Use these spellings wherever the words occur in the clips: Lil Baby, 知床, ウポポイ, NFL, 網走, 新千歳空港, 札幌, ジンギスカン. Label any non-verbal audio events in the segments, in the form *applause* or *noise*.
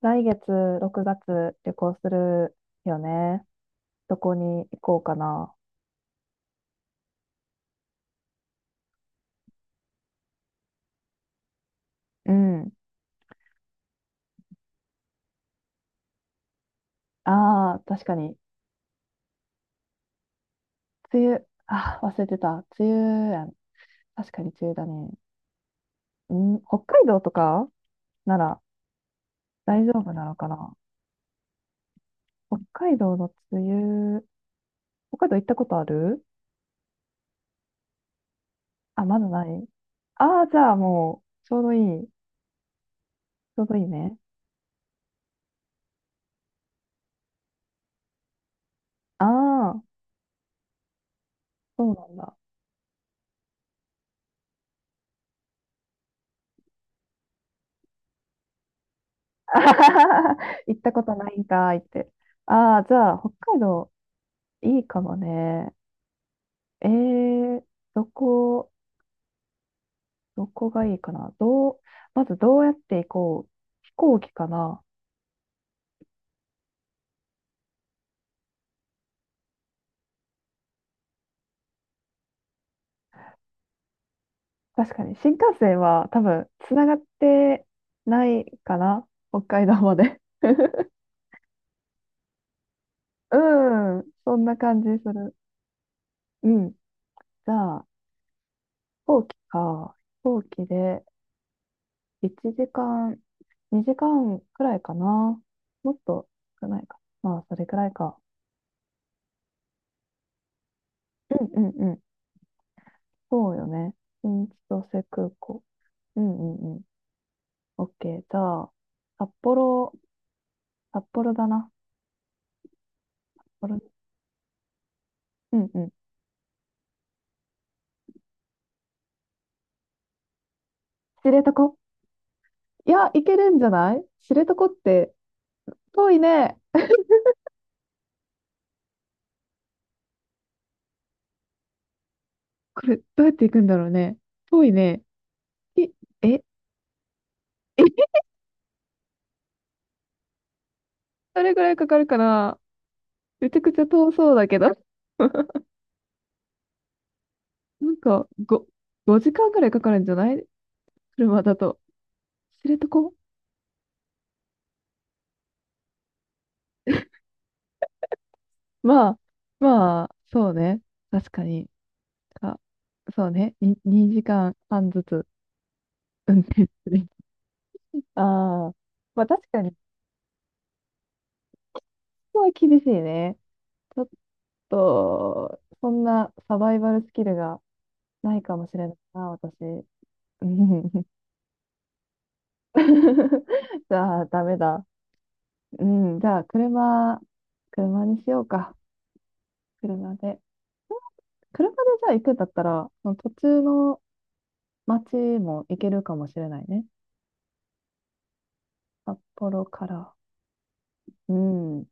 来月6月旅行するよね。どこに行こうかな。うん。ああ、確かに。梅雨。ああ、忘れてた。梅雨やん。確かに梅雨だね。うん、北海道とかなら大丈夫なのかな。北海道の梅雨。北海道行ったことある？あ、まだない。ああ、じゃあもう、ちょうどいい。ちょうどいいね。ああ、そうなんだ。*laughs* あははは。行ったことないんかいって。ああ、じゃあ、北海道いいかもね。えー、どこ、どこがいいかな。どう、まずどうやって行こう。飛行機かな。確かに、新幹線は多分、つながってないかな。北海道まで。*laughs* うん、そんな感じする。うん。じゃあ、飛行機か。飛行機で1時間、2時間くらいかな。もっと少ないか。まあ、それくらいか。うんうんうん。そうよね。新千歳空港。うんうんうん。オッケー。じゃあ、札幌、札幌だな。札幌、うんうん。知床、いや、行けるんじゃない知床って。遠いね。これ、どうやって行くんだろうね。遠いね。いえ、え、*laughs* どれぐらいかかるかな。めちゃくちゃ遠そうだけど。なんか、5、5時間ぐらいかかるんじゃない、車だと。知床。まあ、まあ、そうね。確かに。あ、そうね。に2時間半ずつ運転する。ああ、まあ確かに、ごは厳しいね。ちょっと、そんなサバイバルスキルがないかもしれないな、私。うん。 *laughs* じゃあ、ダメだ。うん、じゃあ、車、車にしようか。車で。車でじゃあ行くんだったら、その途中の街も行けるかもしれないね。札幌から。うん、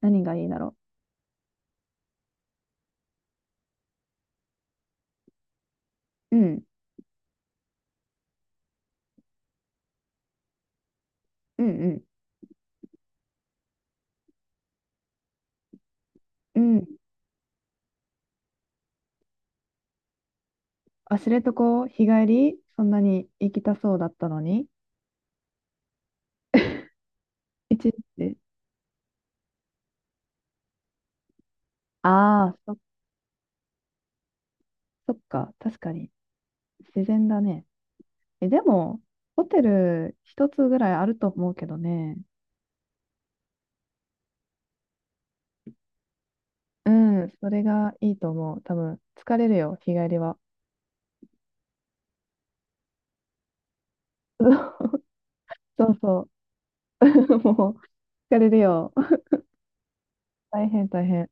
何がいいだろう。うん、うん、うん。うん。あ、知床、日帰り、そんなに行きたそうだったのに。一日、ああ、そ、そっか、確かに、自然だね。え、でも、ホテル一つぐらいあると思うけどね。うん、それがいいと思う。多分、疲れるよ、日帰りは。*laughs* そうそう。*laughs* もう、疲れるよ。大変、大変。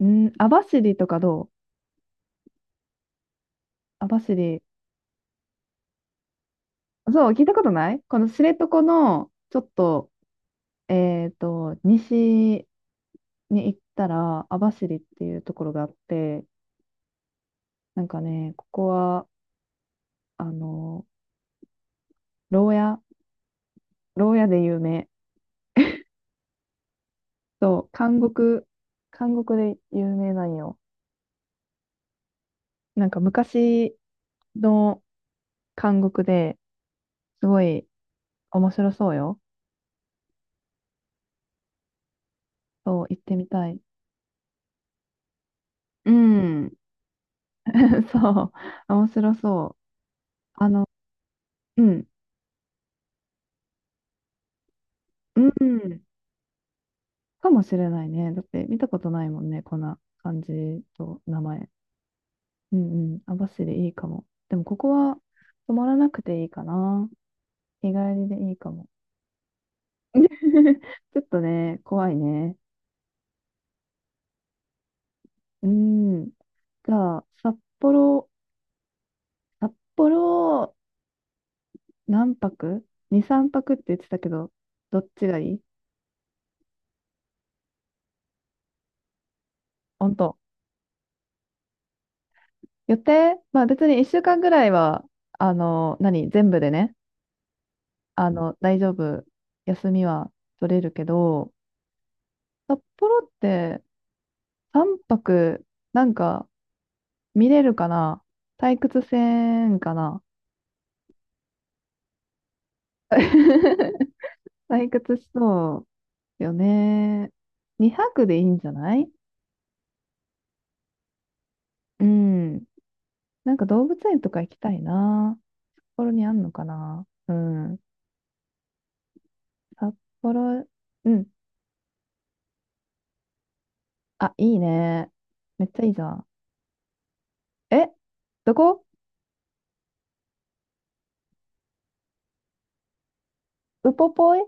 うん、網走とかどう？網走。そう、聞いたことないこの知床の、ちょっと、西に行ったら、網走っていうところがあって、なんかね、ここは、あの牢屋、牢屋で有名。そう、監獄、監獄で有名なんよ。なんか昔の監獄で、すごい面白そうよ。そう、行ってみたい。うん。*laughs* そう、面白そう。あの、うん、うん、かもしれないね。だって見たことないもんね、こんな感じと名前。うんうん、網走いいかも。でもここは泊まらなくていいかな。日帰りでいいかも。*laughs* ちょっとね、怖いね。うん。じゃあ、札幌、札幌、何泊？ 2、3泊って言ってたけど、どっちがいい？本当。予定まあ別に1週間ぐらいは、何全部でね、大丈夫。休みは取れるけど、札幌って3泊、なんか見れるかな。退屈せんかな。 *laughs* 退屈しそうよね。2泊でいいんじゃない？うん。なんか動物園とか行きたいな。札幌にあんのかな。うん。札幌、うん。あ、いいね。めっちゃいいじゃん。え、どこ？ウポポイ、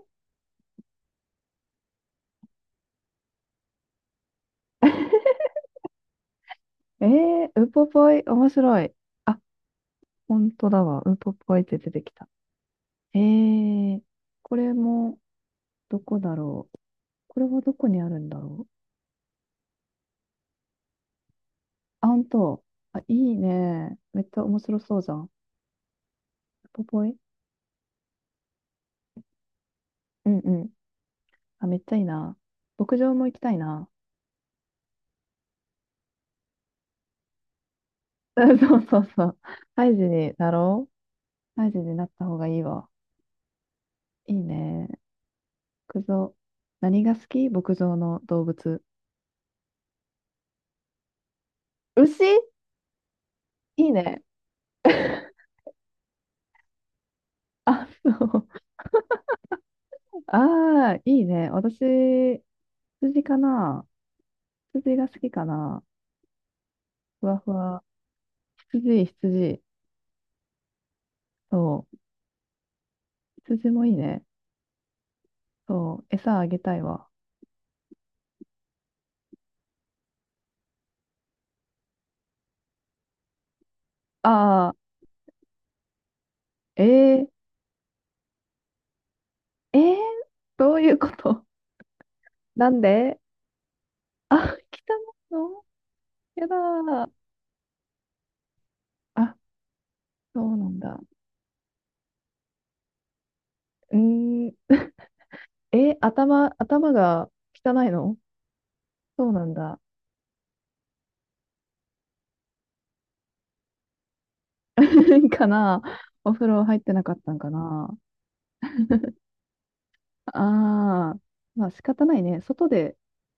えー、ウポポイ、面白い。あ、本当だわ。ウポポイって出てきた。えー、これも、どこだろう。これはどこにあるんだろう。あ、本当。あ、いいね。めっちゃ面白そうじゃん。ウポポイ、うんうん。あ、めっちゃいいな。牧場も行きたいな。*laughs* うんそうそうそう。ハイジになろう。ハイジになった方がいいわ。いいね。牧場。何が好き、牧場の動物。牛、いいね。あ、そう。ああ、いいね。私、羊かな。羊が好きかな。ふわふわ。羊、羊。そう。羊もいいね。そう。餌あげたいわ。ああ、えー、えー、どういうこと？なんで？あ、来たの？やだー。あ、そうなんだ。うーん、え、頭、頭が汚いの？そうなんだ。*laughs* かな。お風呂入ってなかったんかな。ああー、まあ仕方ないね。外で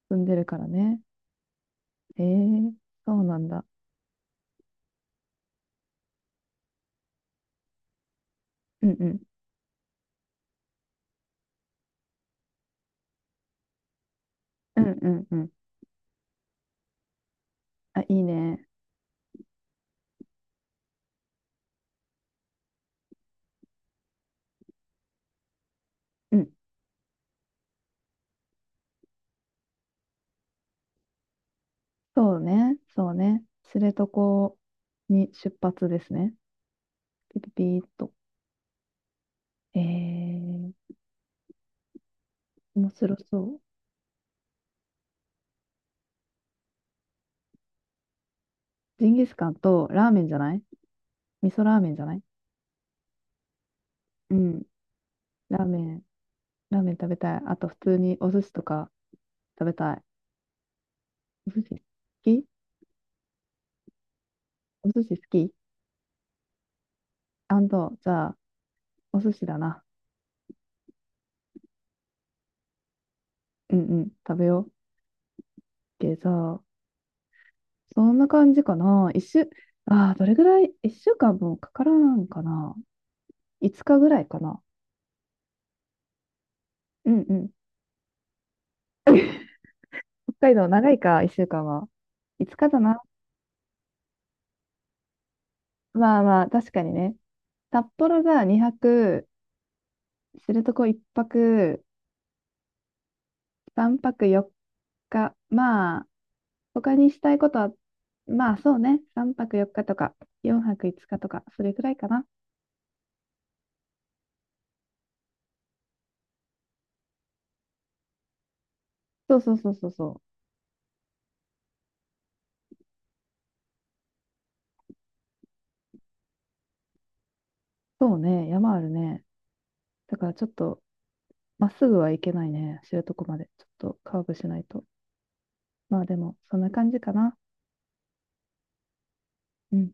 住んでるからね。えー、そうなんだ。うんうん。うんうんうん。あ、いいね。うん。そうね。そうね。知床に出発ですね。ピピピーっと。えー、面白そう。ジンギスカンとラーメンじゃない？味噌ラーメンじゃない？うん。ラーメン。ラーメン食べたい。あと普通にお寿司とか食べたい。お寿司好き？お寿司好き？アンド、じゃあ、お寿司だな。うんうん、食べよう。でじゃあ、そんな感じかな。一週、ああ、どれぐらい、一週間もかからんかな。5日ぐらいかな。うんうん。北海道長いか、1週間は。5日だな。まあまあ、確かにね。札幌が2泊、知床1泊、3泊4日。まあ、他にしたいことは、まあそうね、3泊4日とか、4泊5日とか、それくらいかな。そうそうそうそうそう。そうね、山あるね。だからちょっと、まっすぐは行けないね、知床まで。ちょっとカーブしないと。まあでも、そんな感じかな。うん